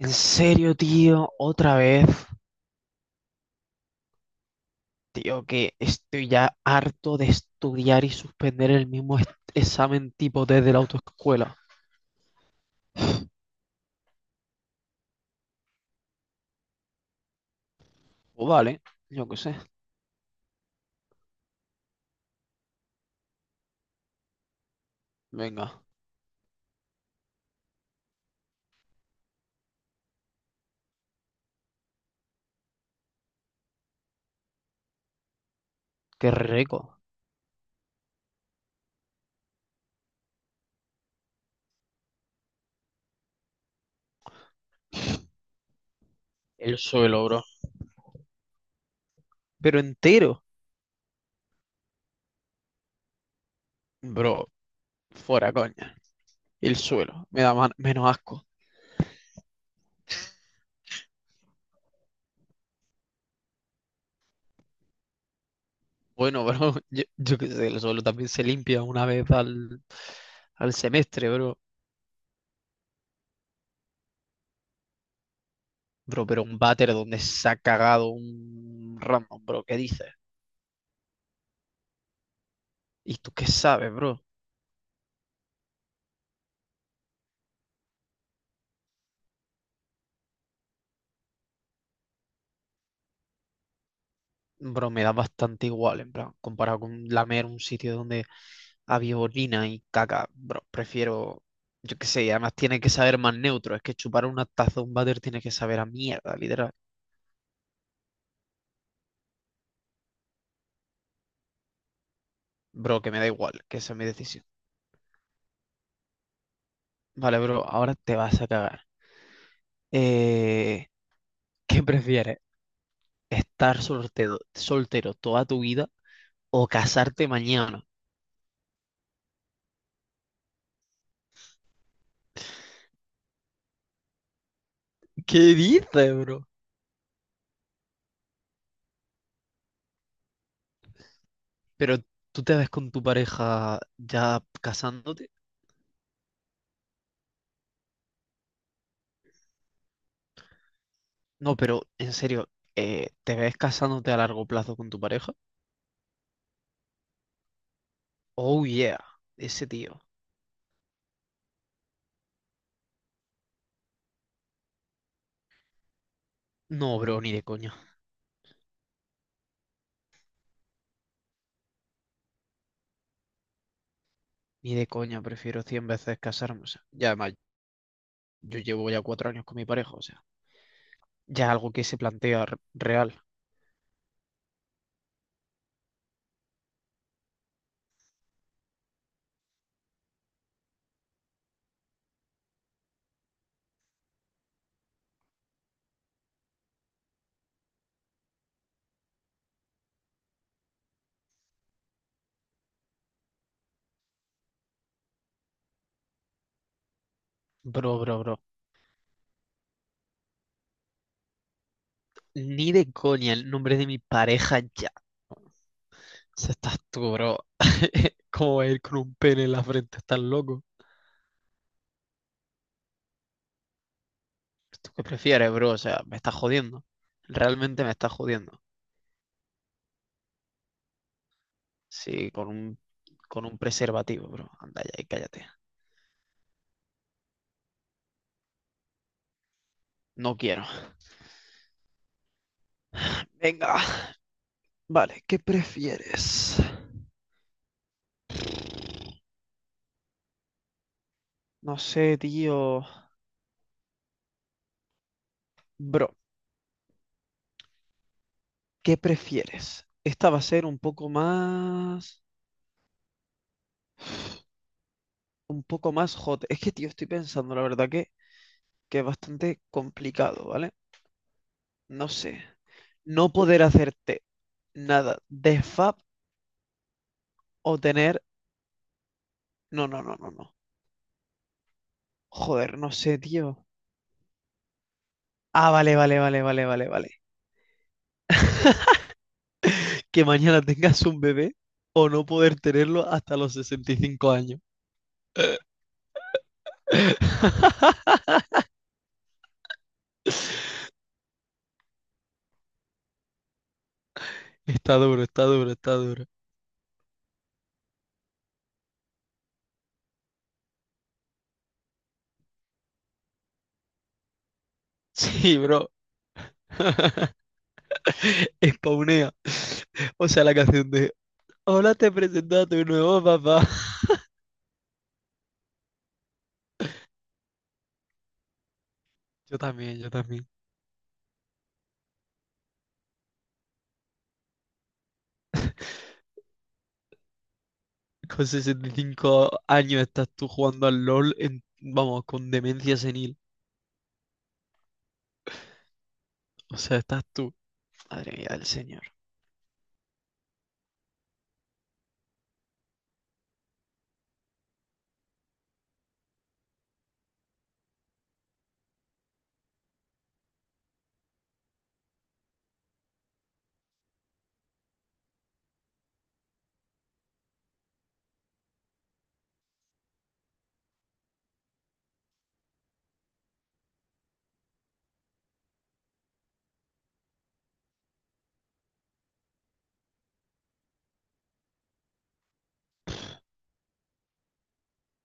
En serio, tío, otra vez, tío, que estoy ya harto de estudiar y suspender el mismo examen tipo D de la autoescuela. O vale, yo qué sé. Venga, qué rico. El suelo, bro. Pero entero. Bro, fuera coña. El suelo, me da menos asco. Bueno, bro, yo qué sé, el suelo también se limpia una vez al semestre, bro. Bro, pero un váter donde se ha cagado un random, bro, ¿qué dices? ¿Y tú qué sabes, bro? Bro, me da bastante igual, en plan, comparado con lamer un sitio donde había orina y caca, bro, prefiero, yo qué sé, y además tiene que saber más neutro, es que chupar una taza de un váter tiene que saber a mierda, literal. Bro, que me da igual, que esa es mi decisión. Vale, bro, ahora te vas a cagar. Eh, ¿qué prefieres? ¿Estar soltero, soltero toda tu vida o casarte mañana? ¿Qué dices, bro? Pero tú te ves con tu pareja ya casándote. No, pero en serio, ¿te ves casándote a largo plazo con tu pareja? Oh yeah, ese tío. No, bro, ni de coña. Ni de coña, prefiero 100 veces casarme. O sea, ya además, yo llevo ya 4 años con mi pareja, o sea, ya es algo que se plantea real. Bro, bro, bro. Ni de coña el nombre de mi pareja ya. Se estás tú, bro. ¿Cómo va a ir con un pene en la frente? ¿Estás loco? ¿Tú qué prefieres, bro? O sea, me estás jodiendo. Realmente me estás jodiendo. Sí, con un preservativo, bro. Anda ya y cállate. No quiero. Venga. Vale, ¿qué prefieres? No sé, tío. Bro, ¿qué prefieres? Esta va a ser un poco más... Un poco más hot. Es que, tío, estoy pensando, la verdad que es bastante complicado, ¿vale? No sé. No poder hacerte nada de fab o tener... No, no, no, no, no. Joder, no sé, tío. Ah, vale, vale, vale, vale, vale, vale. Que mañana tengas un bebé o no poder tenerlo hasta los 65 años. Está duro, está duro, está duro. Sí, bro. Spawnea. O sea, la canción de "Hola, te presento a tu nuevo papá". Yo también, yo también. Con 65 años estás tú jugando al LOL en, vamos, con demencia senil. O sea, estás tú. Madre mía del señor.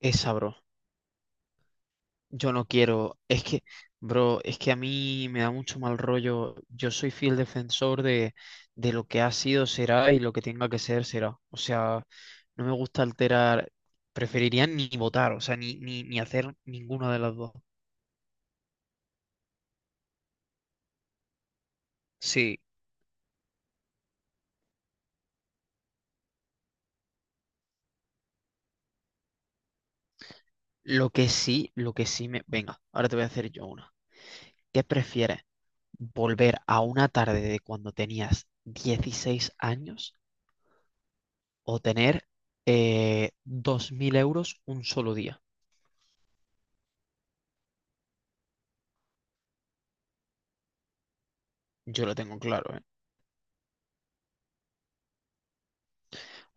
Esa, bro. Yo no quiero, es que, bro, es que a mí me da mucho mal rollo. Yo soy fiel defensor de lo que ha sido será y lo que tenga que ser será. O sea, no me gusta alterar, preferiría ni votar, o sea, ni hacer ninguna de las dos. Sí, lo que sí, lo que sí me... Venga, ahora te voy a hacer yo una. ¿Qué prefieres? ¿Volver a una tarde de cuando tenías 16 años o tener 2.000 euros un solo día? Yo lo tengo claro, ¿eh?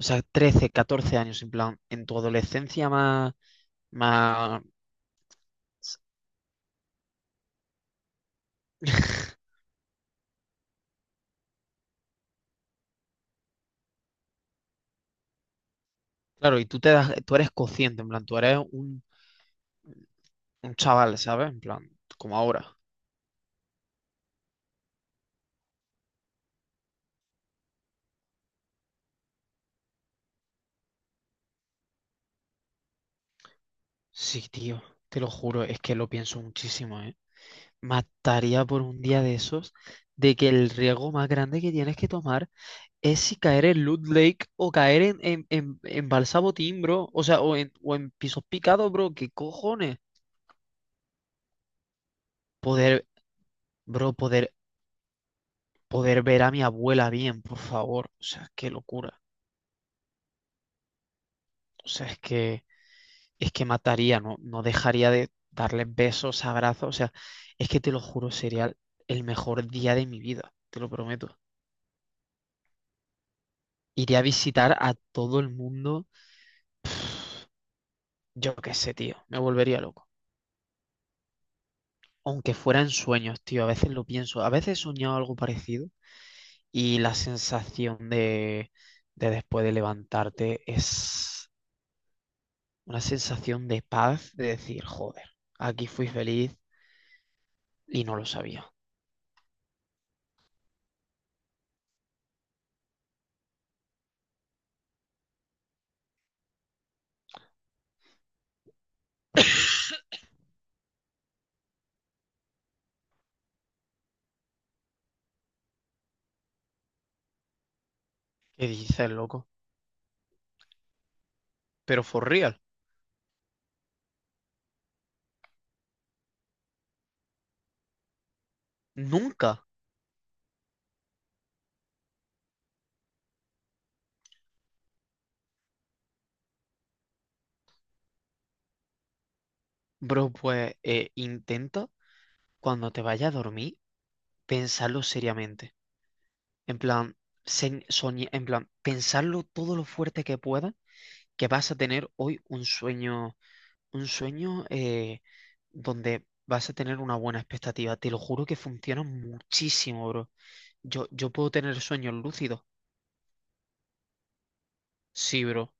O sea, 13, 14 años, en plan, en tu adolescencia más, más... Claro, y tú te das, tú eres consciente, en plan, tú eres un chaval, ¿sabes? En plan, como ahora. Sí, tío, te lo juro, es que lo pienso muchísimo, ¿eh? Mataría por un día de esos de que el riesgo más grande que tienes que tomar es si caer en Loot Lake o caer en Balsabotín, bro. O sea, o en pisos picados, bro. ¿Qué cojones? Poder, bro, poder ver a mi abuela bien, por favor. O sea, qué locura. O sea, es que mataría, no, no dejaría de darles besos, abrazos. O sea, es que te lo juro, sería el mejor día de mi vida, te lo prometo. Iría a visitar a todo el mundo. Yo qué sé, tío, me volvería loco. Aunque fuera en sueños, tío, a veces lo pienso. A veces he soñado algo parecido y la sensación de después de levantarte es una sensación de paz, de decir, joder, aquí fui feliz y no lo sabía. ¿Qué dices, loco? Pero for real, nunca. Bro, pues intenta cuando te vayas a dormir pensarlo seriamente. En plan, en plan, pensarlo todo lo fuerte que puedas, que vas a tener hoy un sueño donde vas a tener una buena expectativa. Te lo juro que funciona muchísimo, bro. Yo puedo tener sueños lúcidos. Sí, bro.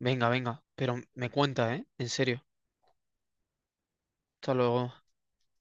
Venga, venga, pero me cuenta, ¿eh? En serio. Hasta luego.